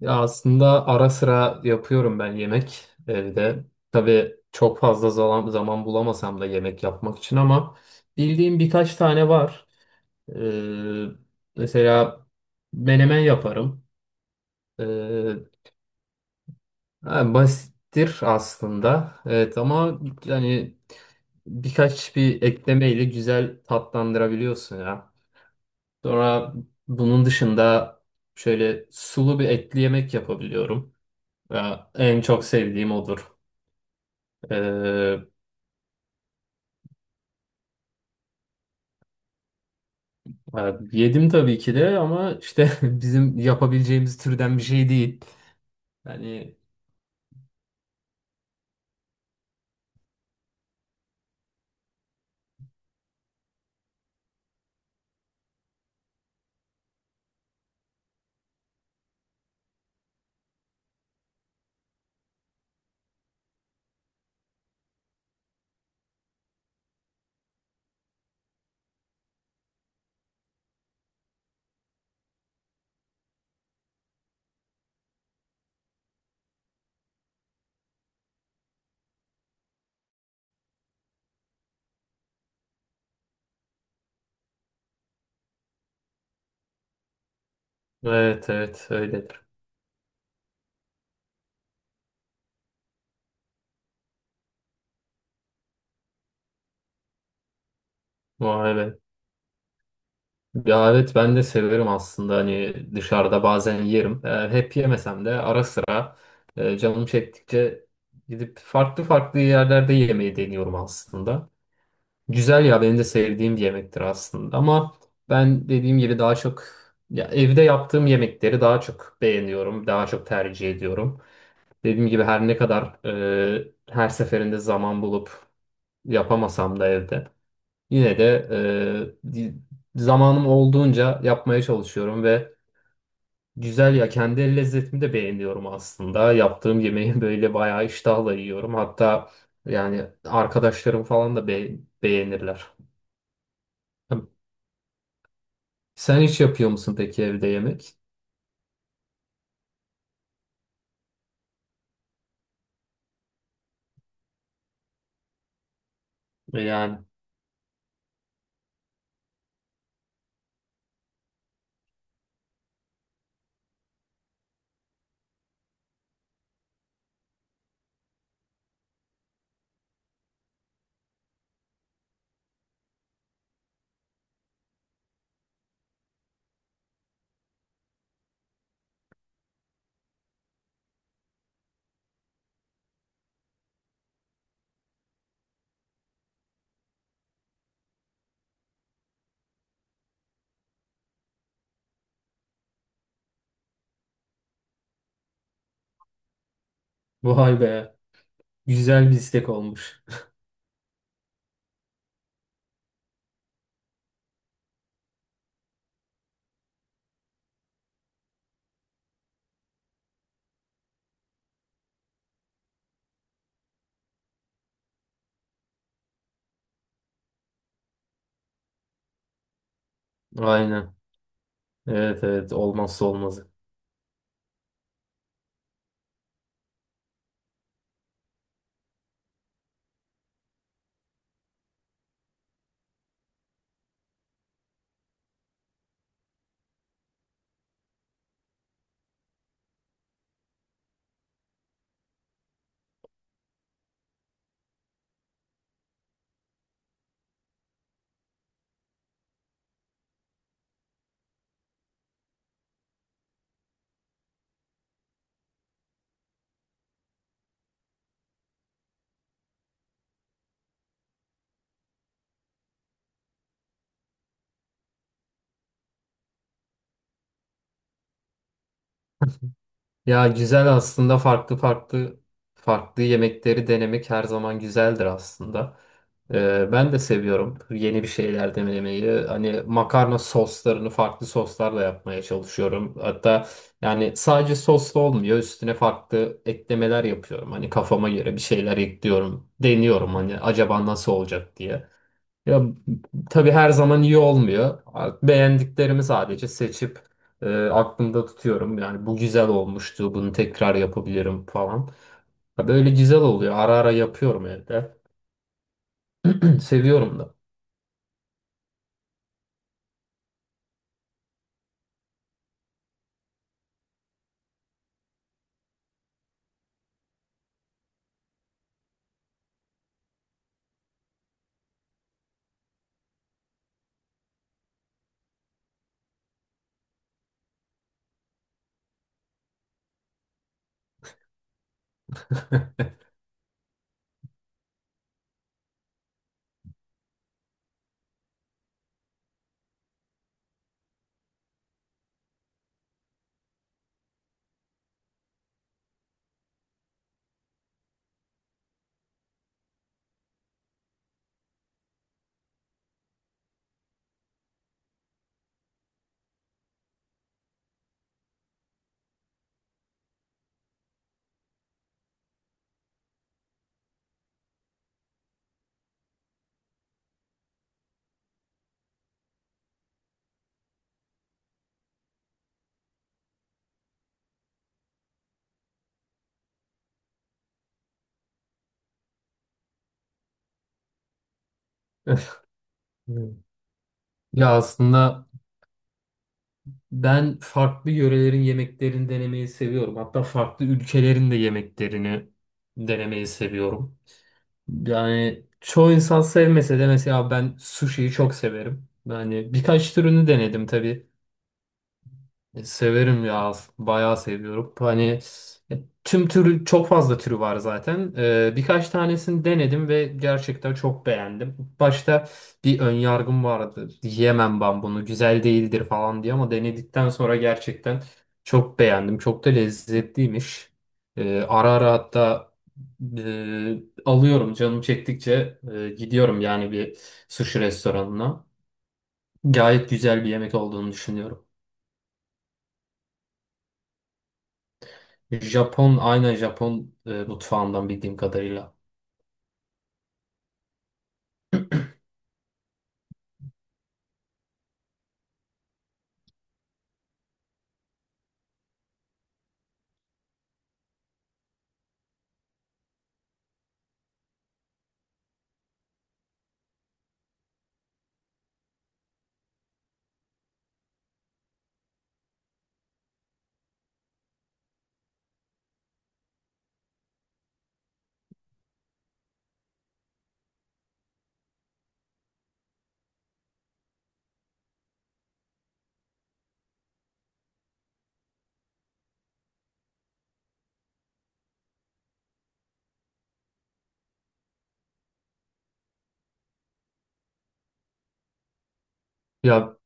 Ya aslında ara sıra yapıyorum ben yemek evde. Tabii çok fazla zaman bulamasam da yemek yapmak için, ama bildiğim birkaç tane var. Ee, Mesela menemen yaparım. Ee, ha, Basittir aslında. Evet ama yani birkaç bir eklemeyle güzel tatlandırabiliyorsun ya. Sonra bunun dışında şöyle sulu bir etli yemek yapabiliyorum. Ya, en çok sevdiğim odur. Ee, Yedim tabii ki de ama işte bizim yapabileceğimiz türden bir şey değil. Yani evet evet öyledir. Vay be. Ya evet, ben de severim aslında, hani dışarıda bazen yerim. Hep yemesem de, ara sıra canım çektikçe gidip farklı farklı yerlerde yemeyi deniyorum aslında. Güzel ya, benim de sevdiğim bir yemektir aslında, ama ben dediğim gibi daha çok ya evde yaptığım yemekleri daha çok beğeniyorum, daha çok tercih ediyorum. Dediğim gibi, her ne kadar her seferinde zaman bulup yapamasam da evde, yine de e, di- zamanım olduğunca yapmaya çalışıyorum ve güzel ya, kendi el lezzetimi de beğeniyorum aslında. Yaptığım yemeği böyle bayağı iştahla yiyorum. Hatta yani arkadaşlarım falan da beğenirler. Sen hiç yapıyor musun peki evde yemek? Yani vay be, güzel bir istek olmuş. Aynen. Evet evet, olmazsa olmazı. Ya güzel, aslında farklı farklı yemekleri denemek her zaman güzeldir aslında. Ben de seviyorum yeni bir şeyler denemeyi. Hani makarna soslarını farklı soslarla yapmaya çalışıyorum. Hatta yani sadece soslu olmuyor. Üstüne farklı eklemeler yapıyorum. Hani kafama göre bir şeyler ekliyorum. Deniyorum, hani acaba nasıl olacak diye. Ya tabii her zaman iyi olmuyor. Beğendiklerimi sadece seçip aklımda tutuyorum. Yani bu güzel olmuştu, bunu tekrar yapabilirim falan. Ya böyle güzel oluyor. Ara ara yapıyorum evde. Seviyorum da. Ya aslında ben farklı yörelerin yemeklerini denemeyi seviyorum. Hatta farklı ülkelerin de yemeklerini denemeyi seviyorum. Yani çoğu insan sevmese de, mesela ben sushi'yi çok severim. Yani birkaç türünü denedim tabii. Severim ya. Bayağı seviyorum. Hani e, tüm türü çok fazla türü var zaten. Birkaç tanesini denedim ve gerçekten çok beğendim. Başta bir ön yargım vardı. Yemem ben bunu, güzel değildir falan diye, ama denedikten sonra gerçekten çok beğendim. Çok da lezzetliymiş. Ara ara hatta alıyorum, canım çektikçe gidiyorum yani bir sushi restoranına. Gayet güzel bir yemek olduğunu düşünüyorum. Aynen Japon mutfağından, bildiğim kadarıyla. Ya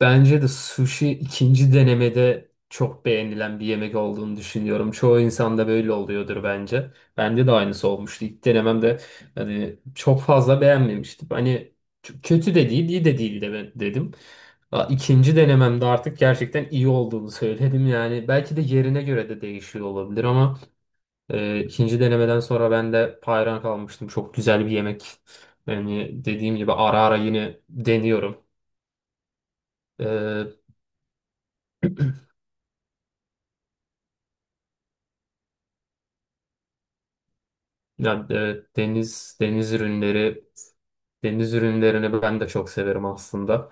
bence de sushi ikinci denemede çok beğenilen bir yemek olduğunu düşünüyorum. Çoğu insanda böyle oluyordur bence. Bende de aynısı olmuştu. İlk denememde hani çok fazla beğenmemiştim. Hani çok kötü de değil, iyi de değil de dedim. Ha, İkinci denememde artık gerçekten iyi olduğunu söyledim. Yani belki de yerine göre de değişiyor olabilir ama ikinci denemeden sonra ben de hayran kalmıştım. Çok güzel bir yemek. Yani dediğim gibi ara ara yine deniyorum. Ee, Ya, deniz ürünlerini ben de çok severim aslında.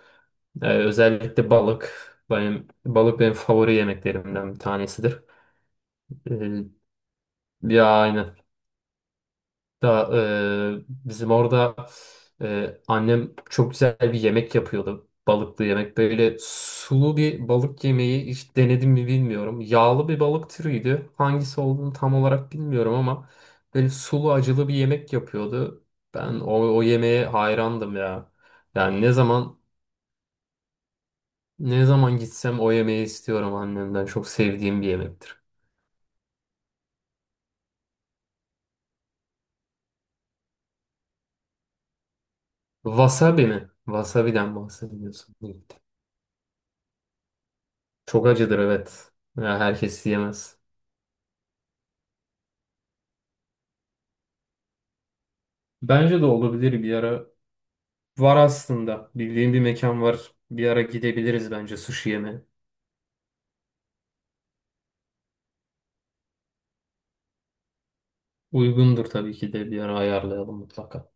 Özellikle balık. Benim favori yemeklerimden bir tanesidir. Ee, Ya aynen. Da bizim orada annem çok güzel bir yemek yapıyordu. Balıklı yemek. Böyle sulu bir balık yemeği hiç denedim mi bilmiyorum. Yağlı bir balık türüydü. Hangisi olduğunu tam olarak bilmiyorum, ama böyle sulu acılı bir yemek yapıyordu. Ben o yemeğe hayrandım ya. Yani ne zaman gitsem o yemeği istiyorum annemden. Çok sevdiğim bir yemektir. Wasabi mi? Wasabi'den bahsediyorsun. Çok acıdır, evet. Ya herkes yemez. Bence de olabilir bir ara. Var aslında. Bildiğim bir mekan var. Bir ara gidebiliriz bence sushi yeme. Uygundur tabii ki de, bir ara ayarlayalım mutlaka.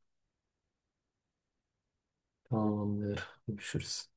Tamamdır. Görüşürüz.